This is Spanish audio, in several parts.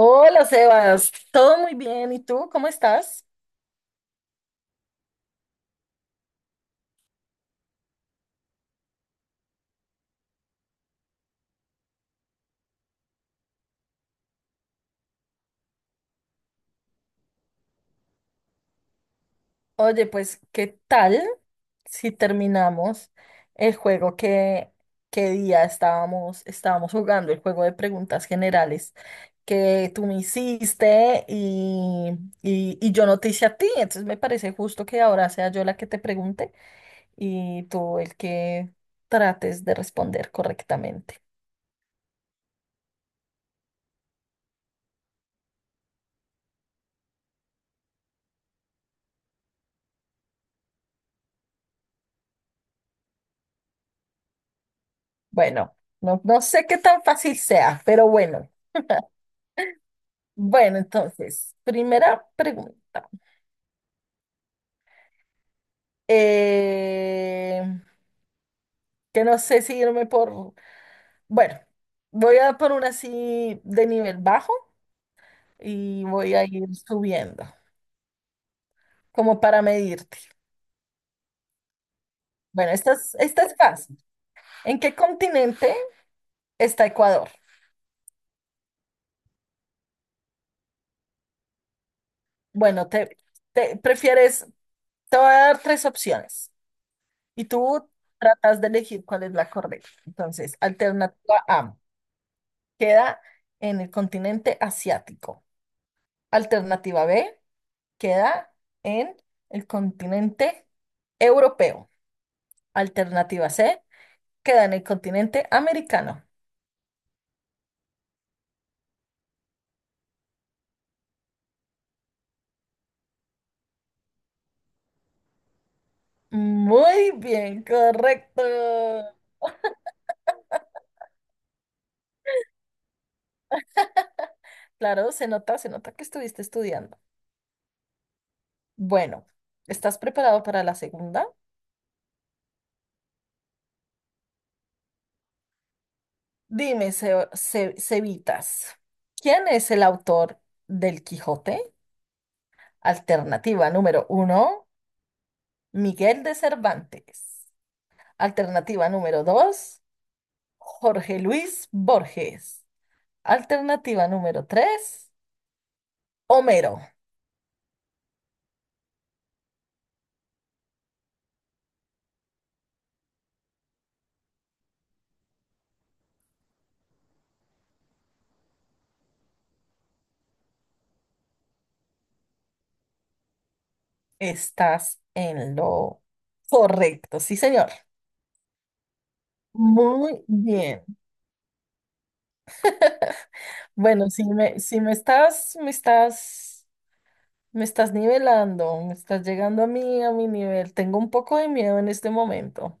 Hola Sebas, todo muy bien. ¿Y tú cómo estás? Oye, pues, ¿qué tal si terminamos el juego que día estábamos jugando, el juego de preguntas generales que tú me hiciste y yo no te hice a ti? Entonces me parece justo que ahora sea yo la que te pregunte y tú el que trates de responder correctamente. Bueno, no sé qué tan fácil sea, pero bueno. Bueno, entonces, primera pregunta. Eh, que no sé si irme por... Bueno, voy a por una así de nivel bajo y voy a ir subiendo, como para medirte. Bueno, esta es fácil. ¿En qué continente está Ecuador? Bueno, te prefieres... Te voy a dar tres opciones y tú tratas de elegir cuál es la correcta. Entonces, alternativa A, queda en el continente asiático. Alternativa B queda en el continente europeo. Alternativa C queda en el continente americano. Muy bien, correcto. Claro, se nota que estuviste estudiando. Bueno, ¿estás preparado para la segunda? Dime, Cevitas, ¿quién es el autor del Quijote? Alternativa número uno, Miguel de Cervantes. Alternativa número dos. Jorge Luis Borges. Alternativa número 3. Homero. Estás en lo correcto, sí, señor. Muy bien. Bueno, si me, si me estás, me estás, me estás nivelando, me estás llegando a mí, a mi nivel. Tengo un poco de miedo en este momento.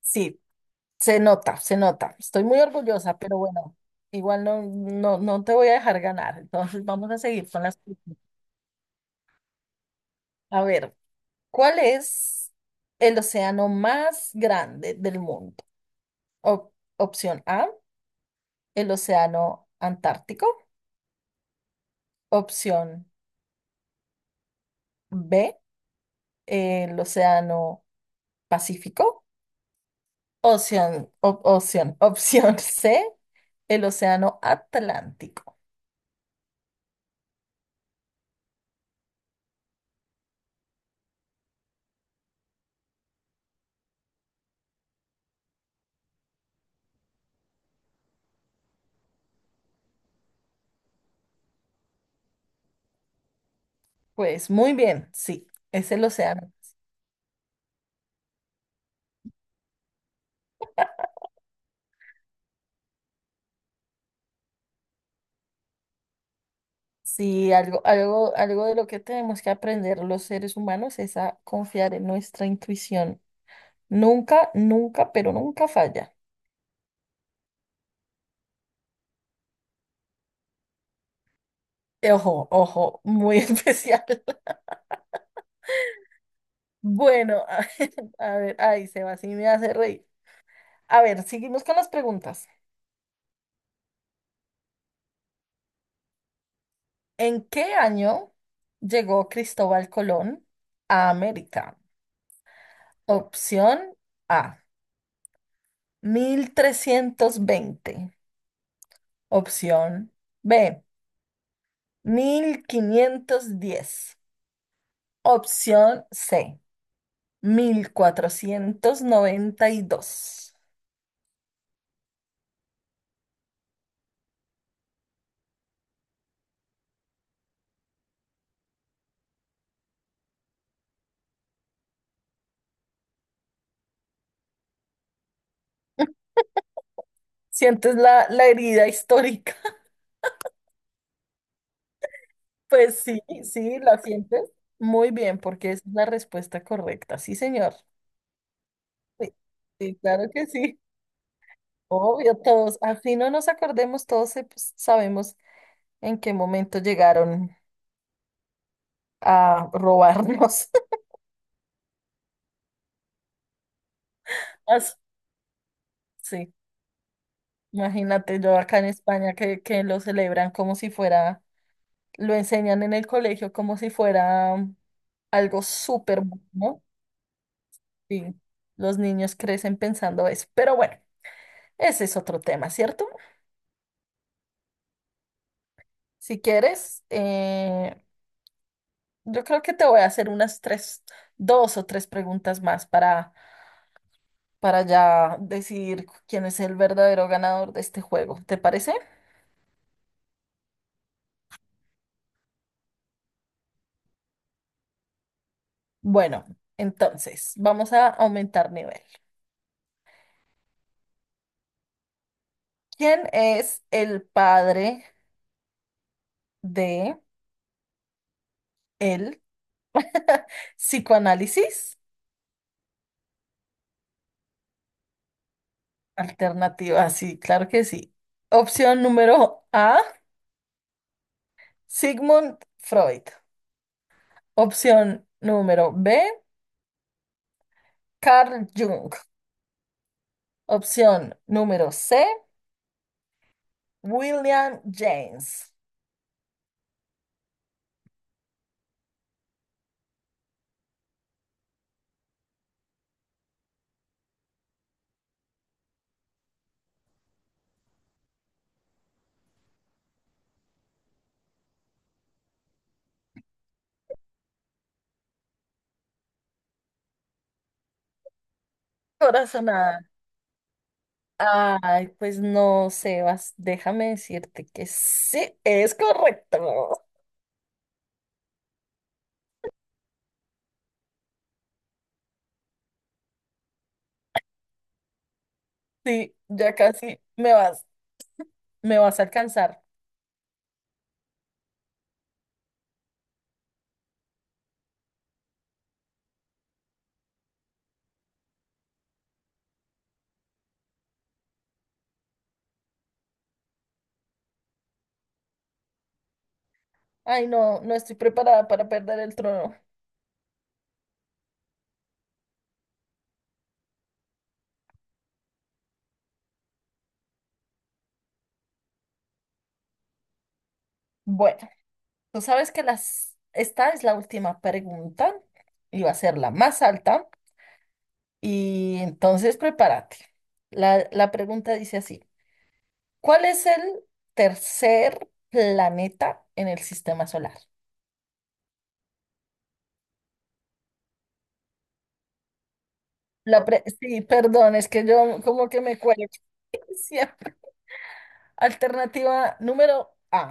Sí, se nota, se nota. Estoy muy orgullosa, pero bueno, igual no te voy a dejar ganar. Entonces, vamos a seguir con las preguntas. A ver. ¿Cuál es el océano más grande del mundo? Opción A, el océano Antártico. Opción B, el océano Pacífico. Opción C, el océano Atlántico. Pues muy bien, sí, es el océano. Sí, algo de lo que tenemos que aprender los seres humanos es a confiar en nuestra intuición. Nunca, nunca, pero nunca falla. Ojo, ojo, muy especial. Bueno, a ver, ay, Seba, sí me hace reír. A ver, seguimos con las preguntas. ¿En qué año llegó Cristóbal Colón a América? Opción A, 1320. Opción B, 1510. Opción C, 1492. ¿Sientes la herida histórica? Pues sí, sí, la sientes. Muy bien, porque esa es la respuesta correcta. Sí, señor. Sí, sí, claro que sí. Obvio, todos, así no nos acordemos, pues, sabemos en qué momento llegaron a robarnos. Así, sí, imagínate yo acá en España que lo celebran como si fuera, lo enseñan en el colegio como si fuera algo súper bueno. Y los niños crecen pensando eso. Pero bueno, ese es otro tema, ¿cierto? Si quieres, yo creo que te voy a hacer unas tres, dos o tres preguntas más para ya decidir quién es el verdadero ganador de este juego. ¿Te parece? Bueno, entonces vamos a aumentar nivel. ¿Quién es el padre de el psicoanálisis? Alternativa, sí, claro que sí. Opción número A, Sigmund Freud. Opción número B, Carl Jung. Opción número C, William James. Corazonada. Ay, pues no, Sebas, déjame decirte que sí, es correcto. Sí, ya casi me vas a alcanzar. Ay, no, no estoy preparada para perder el trono. Bueno, tú sabes que esta es la última pregunta y va a ser la más alta. Y entonces prepárate. La pregunta dice así. ¿Cuál es el tercer planeta en el sistema solar? Sí, perdón, es que yo como que me cuelgo siempre. Alternativa número A,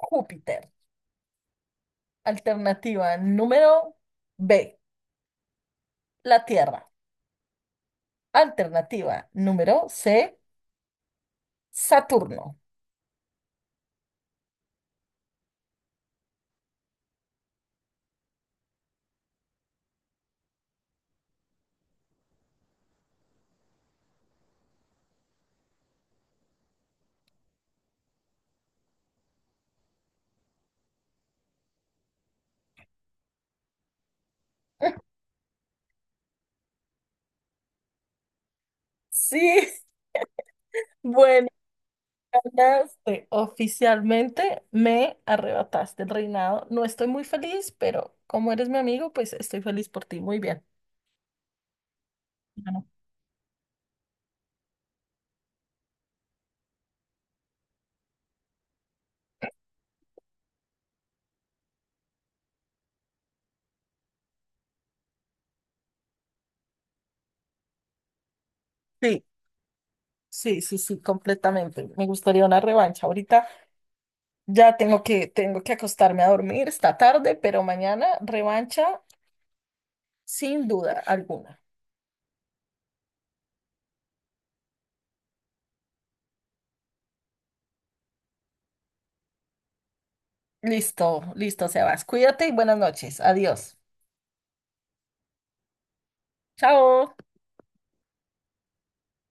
Júpiter. Alternativa número B, la Tierra. Alternativa número C, Saturno. Sí, bueno, ganaste. Oficialmente me arrebataste el reinado. No estoy muy feliz, pero como eres mi amigo, pues estoy feliz por ti. Muy bien. Bueno, Sí, sí, completamente. Me gustaría una revancha. Ahorita ya tengo que acostarme a dormir, está tarde, pero mañana revancha sin duda alguna. Listo, listo, Sebas. Cuídate y buenas noches. Adiós. Chao.